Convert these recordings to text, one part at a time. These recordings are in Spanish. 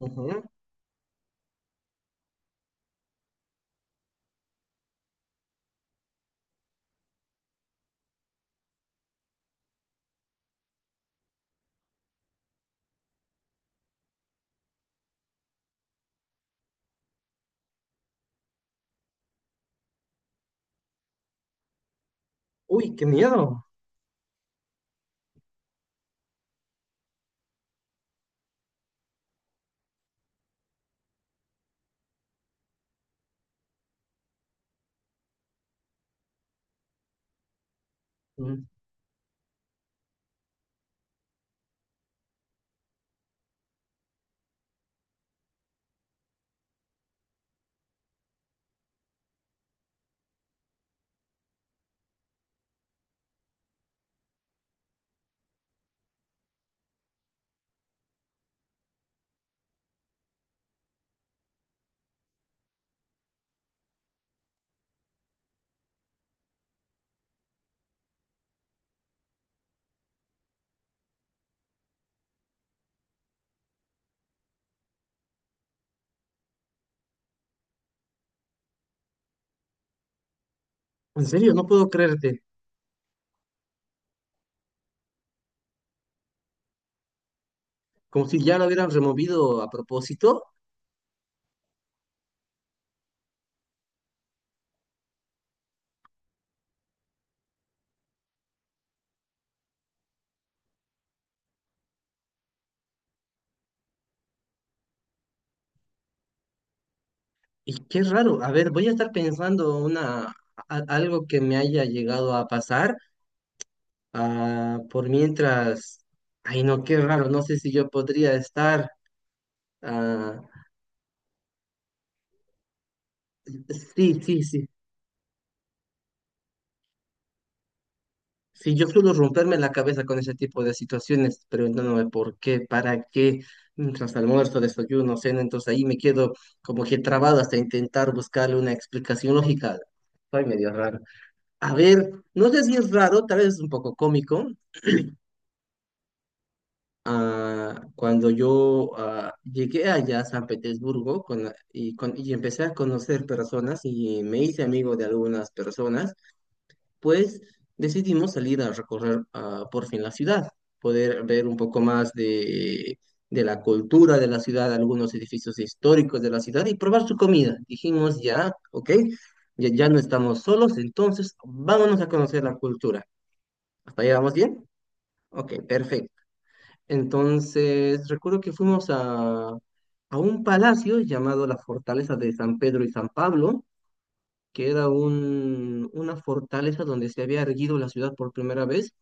Ujú. Uy, qué miedo. Mm. En serio, no puedo creerte. Como si ya lo hubieran removido a propósito. Y qué raro. A ver, voy a estar pensando algo que me haya llegado a pasar. Ah, por mientras. Ay, no, qué raro. No sé si yo podría estar. ah, sí, sí, sí. Sí, yo suelo romperme la cabeza con ese tipo de situaciones, preguntándome por qué, para qué, mientras almuerzo, desayuno, cena, entonces ahí me quedo como que trabado hasta intentar buscarle una explicación lógica. Soy medio raro. A ver, no sé si es raro, tal vez es un poco cómico. Cuando yo llegué allá a San Petersburgo con la- y, con- y empecé a conocer personas y me hice amigo de algunas personas, pues decidimos salir a recorrer por fin la ciudad, poder ver un poco más de la cultura de la ciudad, algunos edificios históricos de la ciudad y probar su comida. Dijimos ya, ok, ya, ya no estamos solos, entonces vámonos a conocer la cultura. ¿Hasta ahí vamos bien? Ok, perfecto. Entonces, recuerdo que fuimos a un palacio llamado la Fortaleza de San Pedro y San Pablo, que era una fortaleza donde se había erguido la ciudad por primera vez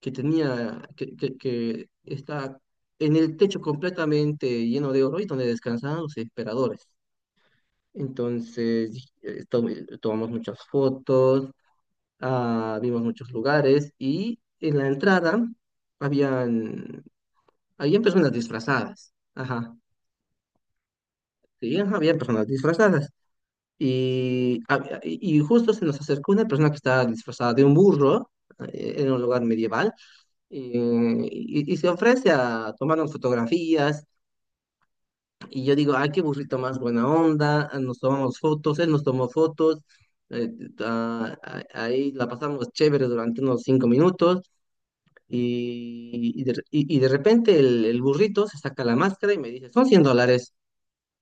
que tenía, que está en el techo completamente lleno de oro y donde descansaban los emperadores. Entonces, tomamos muchas fotos, vimos muchos lugares y en la entrada habían, habían personas disfrazadas. Ajá, sí, ajá, habían personas disfrazadas. Y justo se nos acercó una persona que estaba disfrazada de un burro en un lugar medieval y se ofrece a tomarnos fotografías. Y yo digo, ay, qué burrito más buena onda, ah, nos tomamos fotos, él nos tomó fotos, eh, ahí la pasamos chévere durante unos 5 minutos. Y de repente el burrito se saca la máscara y me dice, son $100.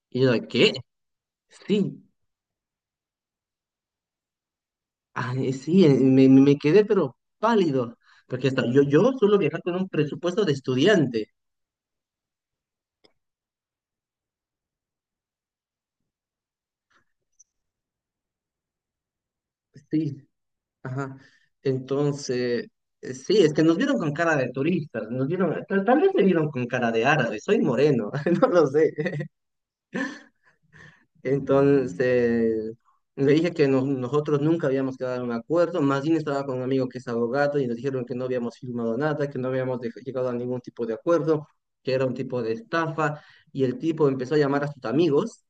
Y yo, ¿qué? Sí, ay, sí, me quedé pero pálido, porque hasta yo, yo suelo viajar con un presupuesto de estudiante. Sí. Ajá. Entonces, sí, es que nos vieron con cara de turistas, nos vieron, tal, tal vez me vieron con cara de árabe, soy moreno, no lo sé. Entonces, le dije que nos- nosotros nunca habíamos quedado en un acuerdo, más bien estaba con un amigo que es abogado y nos dijeron que no habíamos firmado nada, que no habíamos dej- llegado a ningún tipo de acuerdo, que era un tipo de estafa, y el tipo empezó a llamar a sus amigos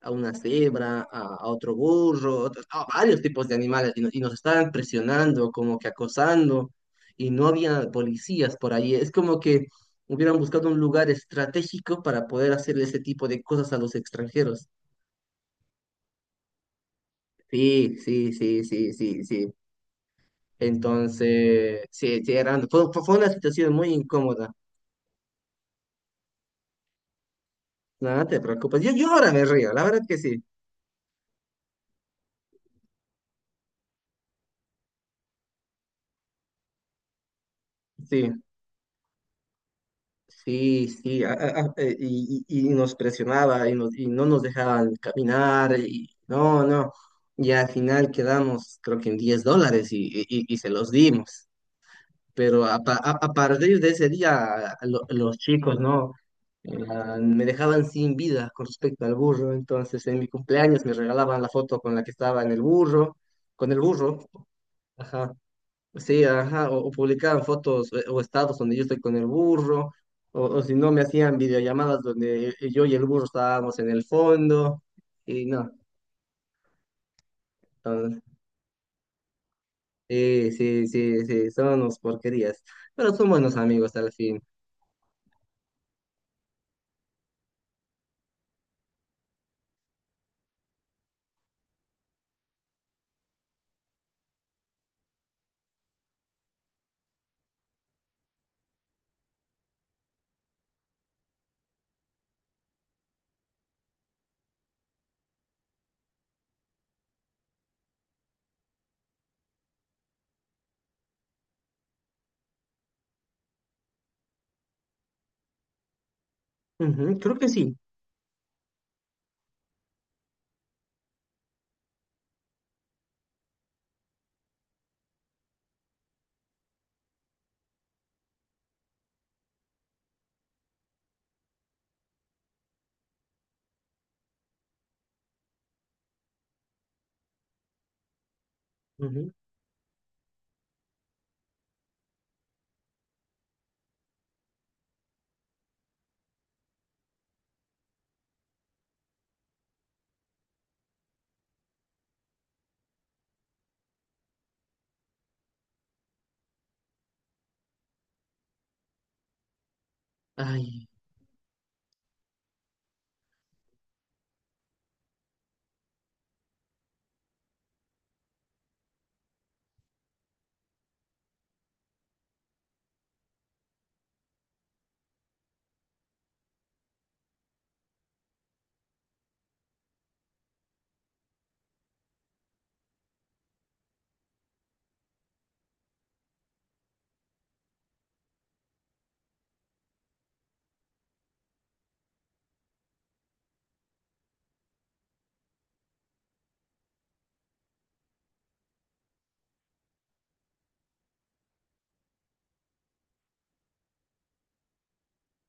a una cebra, a otro burro, a varios tipos de animales y, no- y nos estaban presionando, como que acosando, y no había policías por ahí. Es como que hubieran buscado un lugar estratégico para poder hacer ese tipo de cosas a los extranjeros. Sí, sí, sí, sí, sí, sí. Entonces, sí, sí, fue fue una situación muy incómoda. Nada, no te preocupes. Yo ahora me río, la verdad que sí, sí. Sí, sí, y nos presionaba y no nos dejaban caminar, y no, no, y al final quedamos creo que en $10 y, y se los dimos, pero a partir de ese día a los chicos, ¿no? Me dejaban sin vida con respecto al burro, entonces en mi cumpleaños me regalaban la foto con la que estaba en el burro, con el burro. Sí, ajá, o publicaban fotos o estados donde yo estoy con el burro, o si no me hacían videollamadas donde yo y el burro estábamos en el fondo, y no, entonces, sí, sí, sí, sí, son unos porquerías, pero son buenos amigos al fin. Ujú, creo que sí. Ujú. Ay,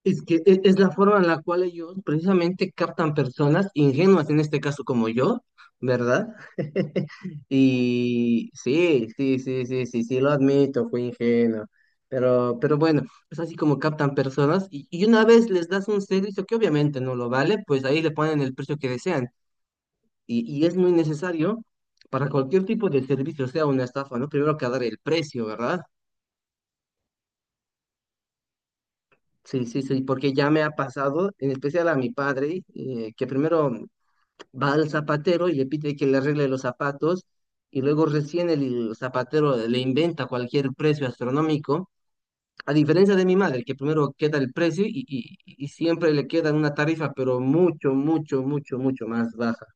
Es la forma en la cual ellos precisamente captan personas ingenuas, en este caso como yo, ¿verdad? Y sí, sí, sí, sí, sí, sí, lo admito, fui ingenuo. Pero bueno, es así como captan personas y una vez les das un servicio que obviamente no lo vale, pues ahí le ponen el precio que desean. Y es muy necesario para cualquier tipo de servicio, sea una estafa, ¿no? Primero que dar el precio, ¿verdad? Sí, sí, sí, porque ya me ha pasado, en especial a mi padre, que primero va al zapatero y le pide que le arregle los zapatos y luego recién el zapatero le inventa cualquier precio astronómico, a diferencia de mi madre, que primero queda el precio y, y siempre le queda una tarifa, pero mucho, mucho, mucho, mucho más baja.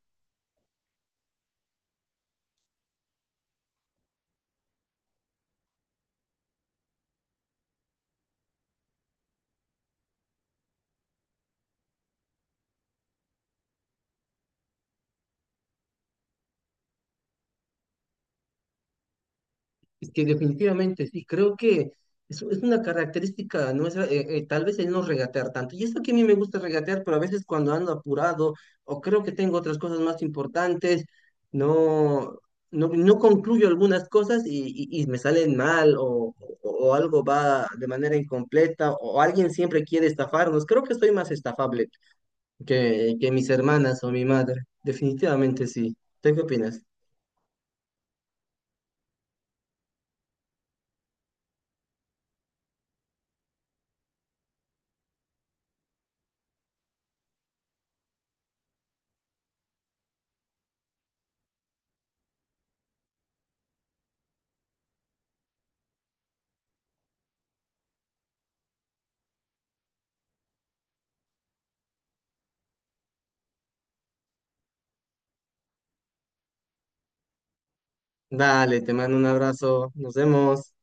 Es que definitivamente sí, creo que es una característica nuestra, tal vez el no regatear tanto. Y eso que a mí me gusta regatear, pero a veces cuando ando apurado o creo que tengo otras cosas más importantes, no, no, no concluyo algunas cosas y, y me salen mal o, o algo va de manera incompleta o alguien siempre quiere estafarnos. Creo que soy más estafable que mis hermanas o mi madre. Definitivamente sí. ¿Tú qué opinas? Dale, te mando un abrazo. Nos vemos.